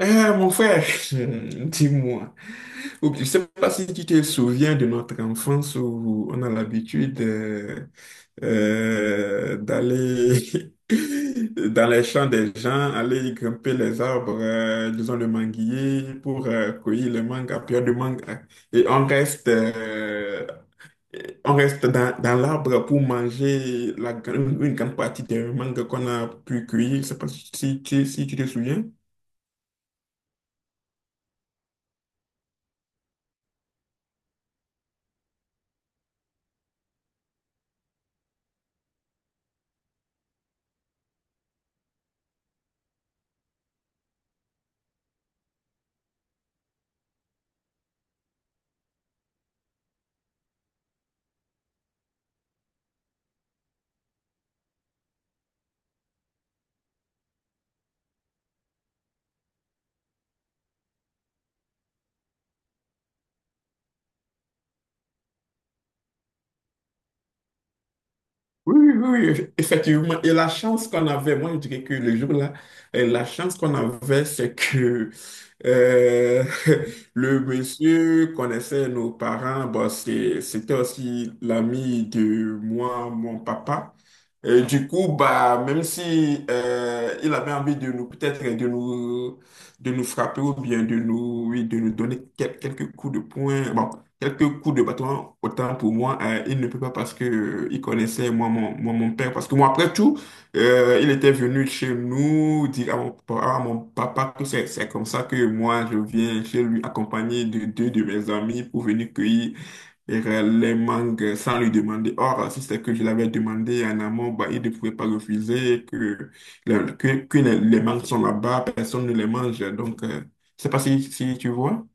Eh, mon frère, dis-moi, je ne sais pas si tu te souviens de notre enfance où on a l'habitude d'aller dans les champs des gens, aller grimper les arbres, disons le manguier, pour cueillir le manga, pire de manga. Et on reste dans l'arbre pour manger une grande partie des mangas qu'on a pu cueillir. Je ne sais pas si tu te souviens. Oui, oui, oui, oui, effectivement. Et la chance qu'on avait, moi je dirais que le jour-là, la chance qu'on avait, c'est que euh, le monsieur connaissait nos parents. Bon, c'était aussi l'ami de moi, mon papa. Et du coup, bah, même si il avait envie de nous, peut-être de nous frapper ou bien de nous, oui, de nous donner quelques coups de poing, bon, quelques coups de bâton, autant pour moi, il ne peut pas parce que il connaissait mon père. Parce que moi, après tout, il était venu chez nous dire à à mon papa que c'est comme ça que moi je viens chez lui accompagné de deux de mes amis pour venir cueillir et les mangues sans lui demander. Or, si c'est que je l'avais demandé en amont, bah, il ne pouvait pas refuser que, que les mangues sont là-bas, personne ne les mange. Donc, je pas si, si tu vois.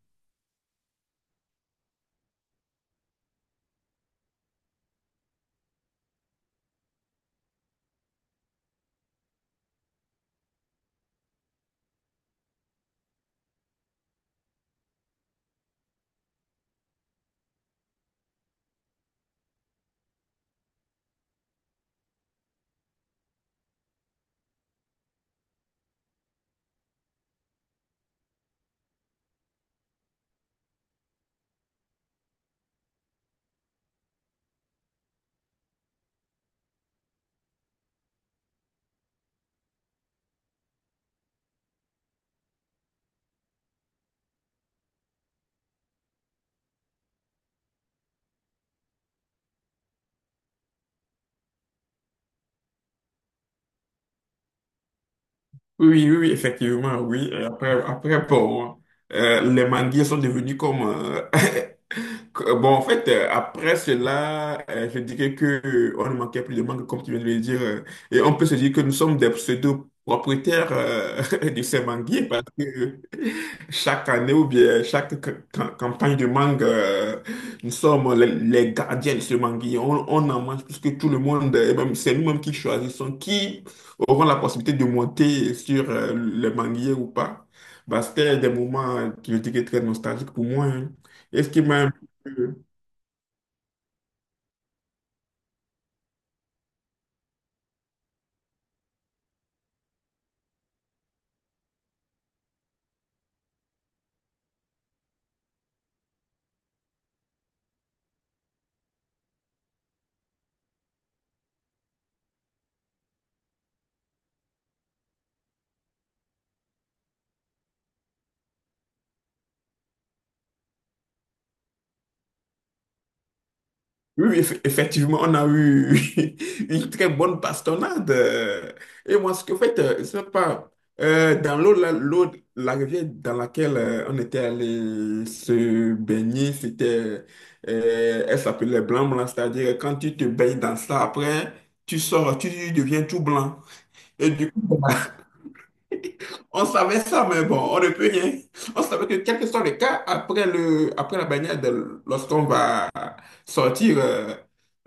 Oui, oui, oui, effectivement, oui. Et après, après, bon, les manguiers sont devenus comme bon, en fait, après cela, je dirais que on ne manquait plus de mangue, comme tu viens de le dire. Et on peut se dire que nous sommes des pseudo-propriétaires de ces manguiers parce que chaque année ou bien chaque campagne de mangue, nous sommes les gardiens de ce manguier. On en mange plus que tout le monde. Et même, c'est nous-mêmes qui choisissons qui auront la possibilité de monter sur le manguier ou pas. Bah, c'était des moments qui je dirais très nostalgiques pour moi, hein. Et ce qui m'a un peu- Oui, oui, effectivement, on a eu une très bonne bastonnade. Et moi, ce que en fait, je sais pas, dans l'eau, là, l'eau, la rivière dans laquelle on était allé se baigner, c'était, elle s'appelait blanc blanc, c'est-à-dire quand tu te baignes dans ça, après, tu sors, tu deviens tout blanc. Et du On savait ça, mais bon, on ne peut rien. On savait que quel que soit le cas, après le, après la baignade, lorsqu'on va sortir, euh,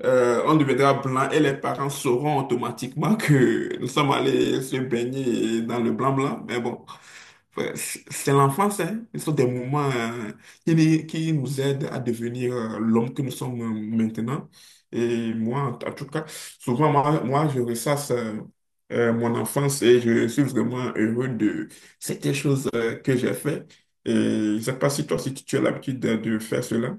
euh, on deviendra blanc et les parents sauront automatiquement que nous sommes allés se baigner dans le blanc-blanc. Mais bon, ouais, c'est l'enfance, hein. Ce sont des moments, qui, ni- qui nous aident à devenir, l'homme que nous sommes maintenant. Et moi, en en tout cas, souvent, moi je ressasse, mon enfance et je suis vraiment heureux de certaines choses que j'ai faites. Et je ne sais pas si toi, si tu as l'habitude de faire cela.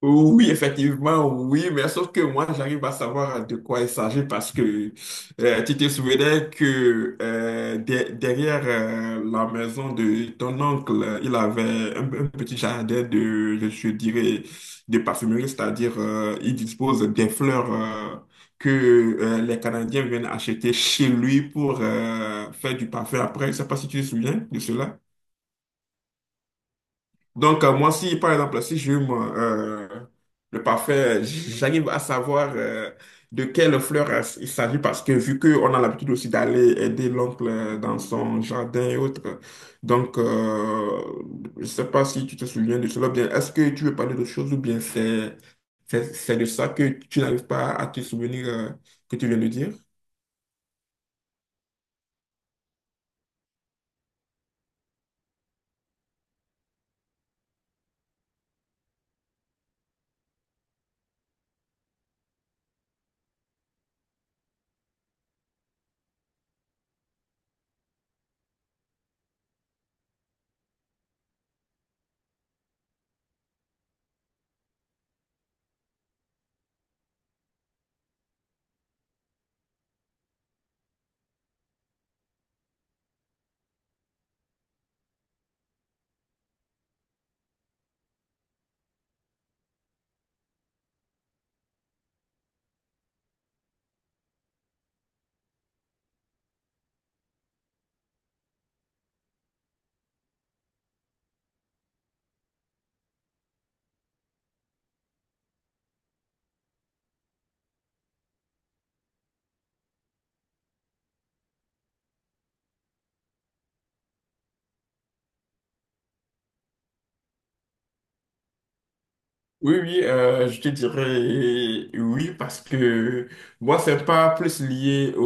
Oui, effectivement, oui, mais sauf que moi, j'arrive à savoir de quoi il s'agit parce que tu te souvenais que derrière la maison de ton oncle, il avait un petit jardin de, je dirais, de parfumerie, c'est-à-dire il dispose des fleurs que les Canadiens viennent acheter chez lui pour faire du parfum après. Je ne sais pas si tu te souviens de cela. Donc, moi, si, par exemple, si j'hume le parfum, j'arrive à savoir de quelle fleur il s'agit parce que vu qu'on a l'habitude aussi d'aller aider l'oncle dans son jardin et autres, donc, je ne sais pas si tu te souviens de cela, ou bien est-ce que tu veux parler de choses ou bien c'est de ça que tu n'arrives pas à te souvenir que tu viens de dire? Oui, oui, je te dirais oui parce que moi, c'est pas plus lié au,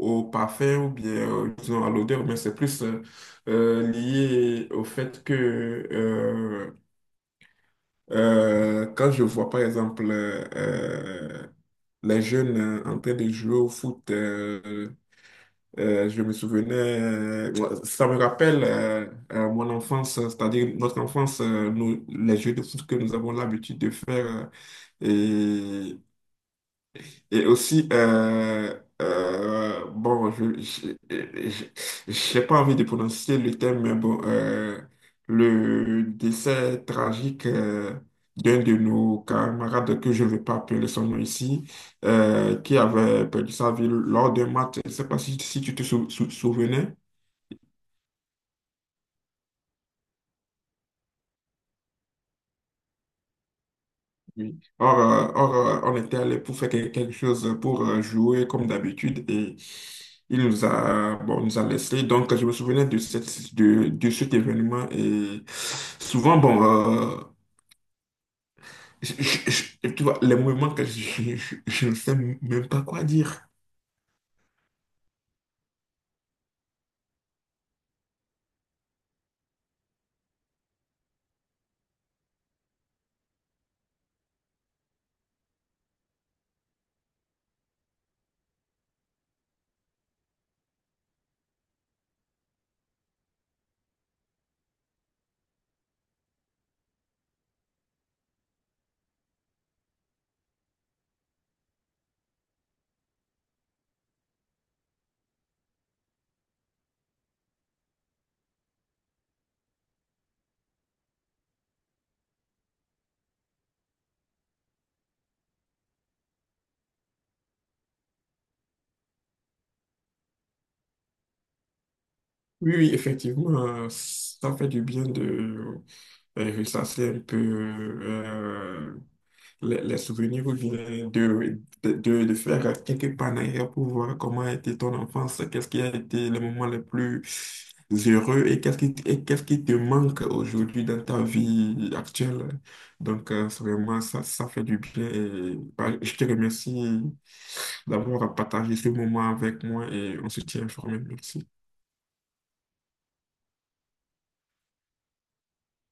au parfum ou bien disons à l'odeur, mais c'est plus lié au fait que quand je vois par exemple les jeunes en train de jouer au foot, je me souvenais, ça me rappelle mon enfance, c'est-à-dire notre enfance, les jeux de foot que nous avons l'habitude de faire. Et, et aussi, bon, je, je- j'ai pas envie de prononcer le terme, mais bon, le décès tragique d'un de nos camarades, que je ne vais pas appeler son nom ici, qui avait perdu sa vie lors d'un match. Je ne sais pas si, si tu te souvenais. Oui. Or, on était allé pour faire quelque chose, pour jouer comme d'habitude et il nous a, bon, nous a laissé. Donc, je me souvenais de cette, de cet événement et souvent, bon, je- je- tu vois, les moments que je ne sais même pas quoi dire. Oui, oui, effectivement, ça fait du bien de ressasser un peu les souvenirs ou bien de faire quelques panaires pour voir comment a été ton enfance, qu'est-ce qui a été les moments les plus heureux et qu'est-ce qui te manque aujourd'hui dans ta vie actuelle. Donc, c'est vraiment, ça fait du bien. Et, bah, je te remercie d'avoir partagé ce moment avec moi et on se tient informé. Merci.